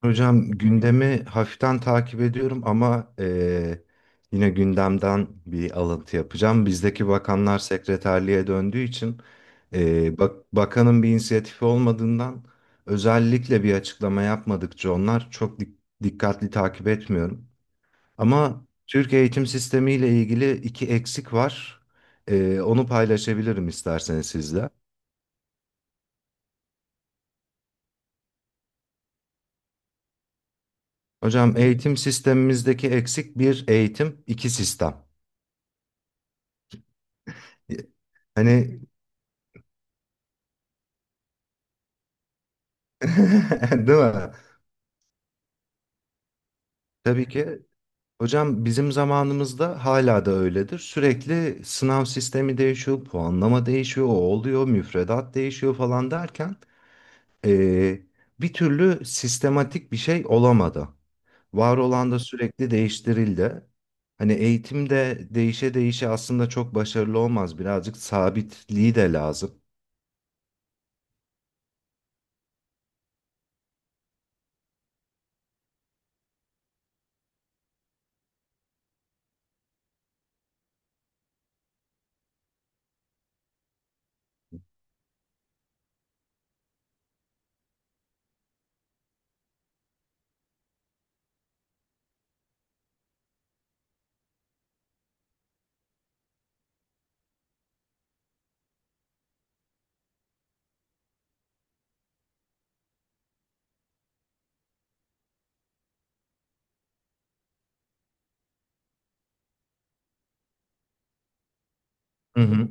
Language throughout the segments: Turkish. Hocam gündemi hafiften takip ediyorum ama yine gündemden bir alıntı yapacağım. Bizdeki bakanlar sekreterliğe döndüğü için bak bakanın bir inisiyatifi olmadığından özellikle bir açıklama yapmadıkça onlar dikkatli takip etmiyorum. Ama Türk eğitim sistemi ile ilgili iki eksik var. Onu paylaşabilirim isterseniz sizle. Hocam eğitim sistemimizdeki eksik bir eğitim, iki sistem. Hani değil mi? Tabii ki. Hocam bizim zamanımızda hala da öyledir. Sürekli sınav sistemi değişiyor, puanlama değişiyor, o oluyor, müfredat değişiyor falan derken eee, bir türlü sistematik bir şey olamadı. Var olan da sürekli değiştirildi. Hani eğitimde değişe değişe aslında çok başarılı olmaz. Birazcık sabitliği de lazım. Hı hı.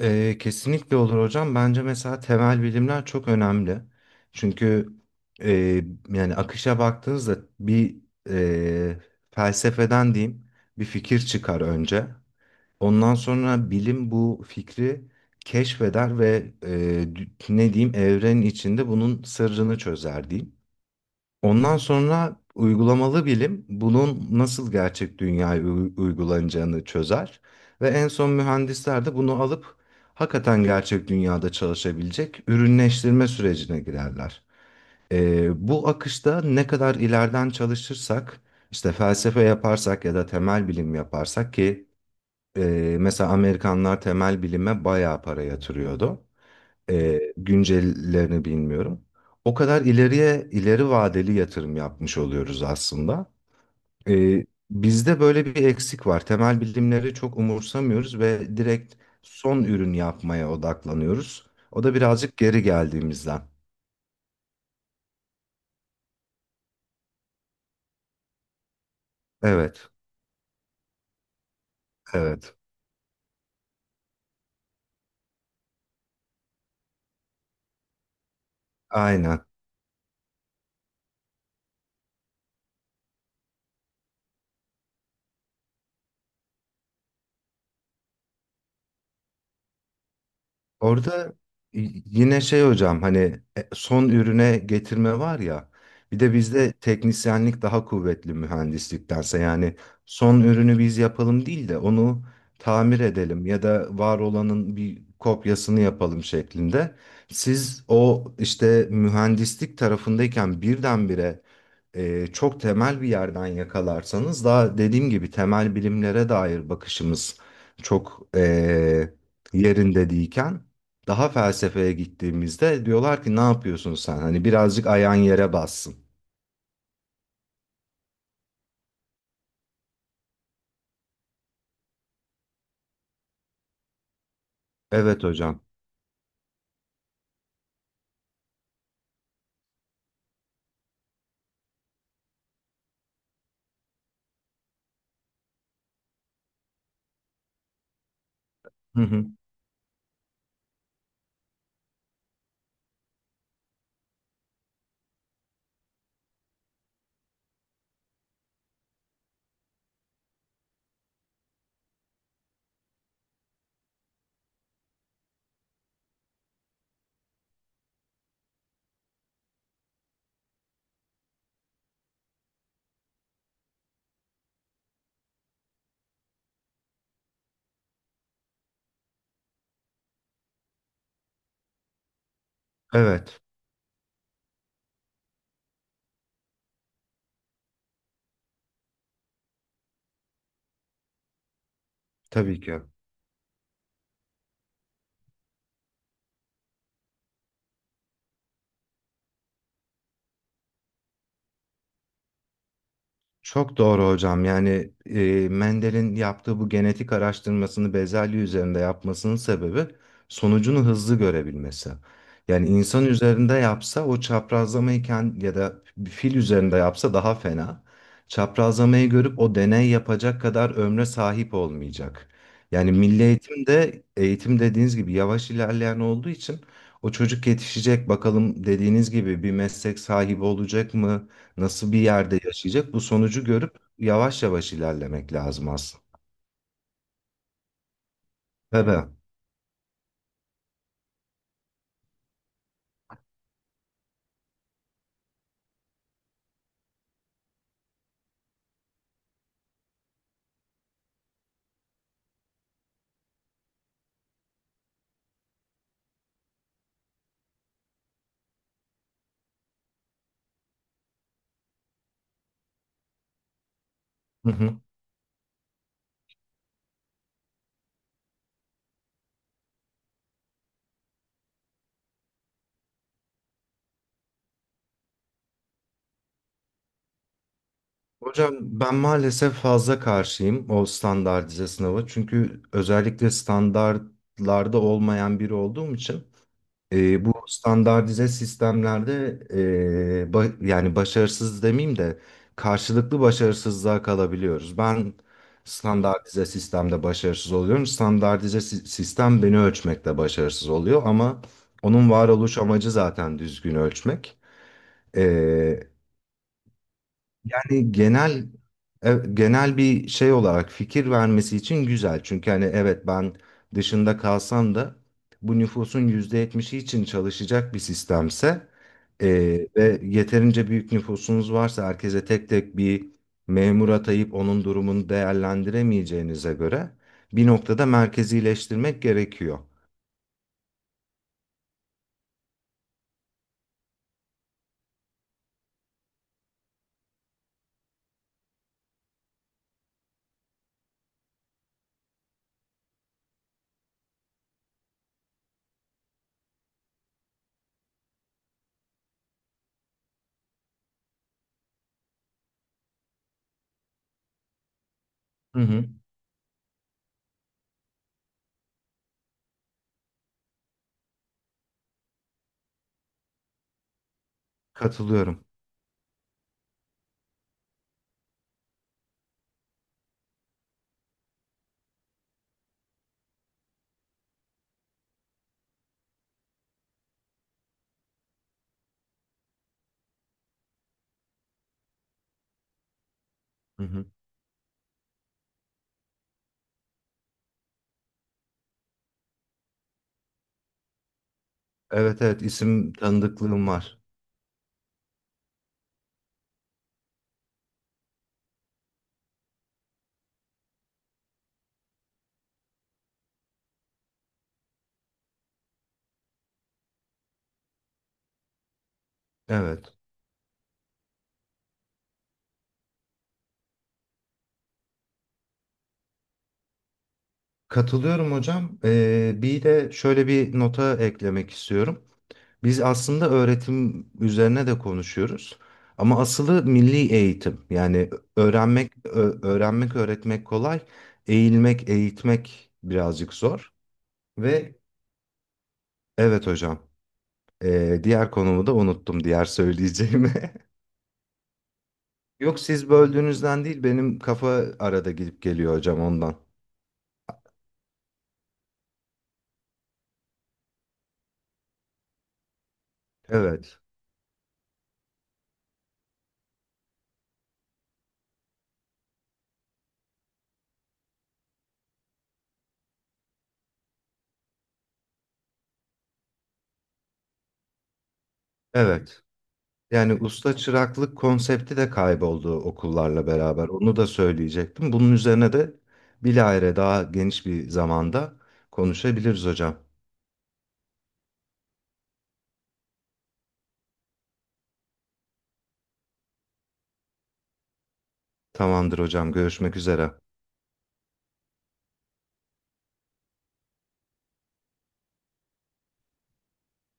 Kesinlikle olur hocam. Bence mesela temel bilimler çok önemli. Çünkü e, yani akışa baktığınızda bir e, felsefeden diyeyim bir fikir çıkar önce. Ondan sonra bilim bu fikri keşfeder ve dü- ne diyeyim evrenin içinde bunun sırrını çözer diyeyim. Ondan sonra uygulamalı bilim bunun nasıl gerçek dünyaya uygulanacağını çözer ve en son mühendisler de bunu alıp hakikaten gerçek dünyada çalışabilecek ürünleştirme sürecine girerler. Bu akışta ne kadar ileriden çalışırsak, işte felsefe yaparsak ya da temel bilim yaparsak ki mesela Amerikanlar temel bilime bayağı para yatırıyordu, güncellerini bilmiyorum. O kadar ileri vadeli yatırım yapmış oluyoruz aslında. Bizde böyle bir eksik var. Temel bilimleri çok umursamıyoruz ve direkt son ürün yapmaya odaklanıyoruz. O da birazcık geri geldiğimizden. Evet, evet. Aynen. Orada yine şey hocam hani son ürüne getirme var ya, bir de bizde teknisyenlik daha kuvvetli mühendisliktense, yani son ürünü biz yapalım değil de onu tamir edelim ya da var olanın bir kopyasını yapalım şeklinde. Siz o işte mühendislik tarafındayken birdenbire çok temel bir yerden yakalarsanız, daha dediğim gibi temel bilimlere dair bakışımız çok yerinde değilken daha felsefeye gittiğimizde diyorlar ki ne yapıyorsun sen? Hani birazcık ayağın yere bassın. Evet hocam. Hı hı. Evet tabii ki. Çok doğru hocam. Yani Mendel'in yaptığı bu genetik araştırmasını bezelye üzerinde yapmasının sebebi sonucunu hızlı görebilmesi. Yani insan üzerinde yapsa o çaprazlamayı ya da bir fil üzerinde yapsa daha fena. Çaprazlamayı görüp o deney yapacak kadar ömre sahip olmayacak. Yani milli eğitimde eğitim dediğiniz gibi yavaş ilerleyen olduğu için o çocuk yetişecek bakalım dediğiniz gibi bir meslek sahibi olacak mı? Nasıl bir yerde yaşayacak? Bu sonucu görüp yavaş yavaş ilerlemek lazım aslında. Tabii. Hı hı. Hocam ben maalesef fazla karşıyım o standartize sınava. Çünkü özellikle standartlarda olmayan biri olduğum için bu standartize sistemlerde yani başarısız demeyeyim de karşılıklı başarısızlığa kalabiliyoruz. Ben standartize sistemde başarısız oluyorum. Sistem beni ölçmekte başarısız oluyor, ama onun varoluş amacı zaten düzgün ölçmek. Hani genel bir şey olarak fikir vermesi için güzel. Çünkü hani evet, ben dışında kalsam da bu nüfusun %70'i için çalışacak bir sistemse e, ve yeterince büyük nüfusunuz varsa herkese tek tek bir memur atayıp onun durumunu değerlendiremeyeceğinize göre bir noktada merkezileştirmek gerekiyor. Hı hı. Katılıyorum. Hı hı. Evet, evet, isim tanıdıklığım var. Evet. Katılıyorum hocam. Bir de şöyle bir nota eklemek istiyorum. Biz aslında öğretim üzerine de konuşuyoruz. Ama asılı milli eğitim. Yani öğrenmek, öğretmek kolay. Eğilmek, eğitmek birazcık zor. Ve evet hocam, diğer konumu da unuttum, diğer söyleyeceğimi. Yok, siz böldüğünüzden değil, benim kafa arada gidip geliyor hocam ondan. Evet. Evet. Yani usta çıraklık konsepti de kayboldu okullarla beraber. Onu da söyleyecektim. Bunun üzerine de bilahare daha geniş bir zamanda konuşabiliriz hocam. Tamamdır hocam. Görüşmek üzere.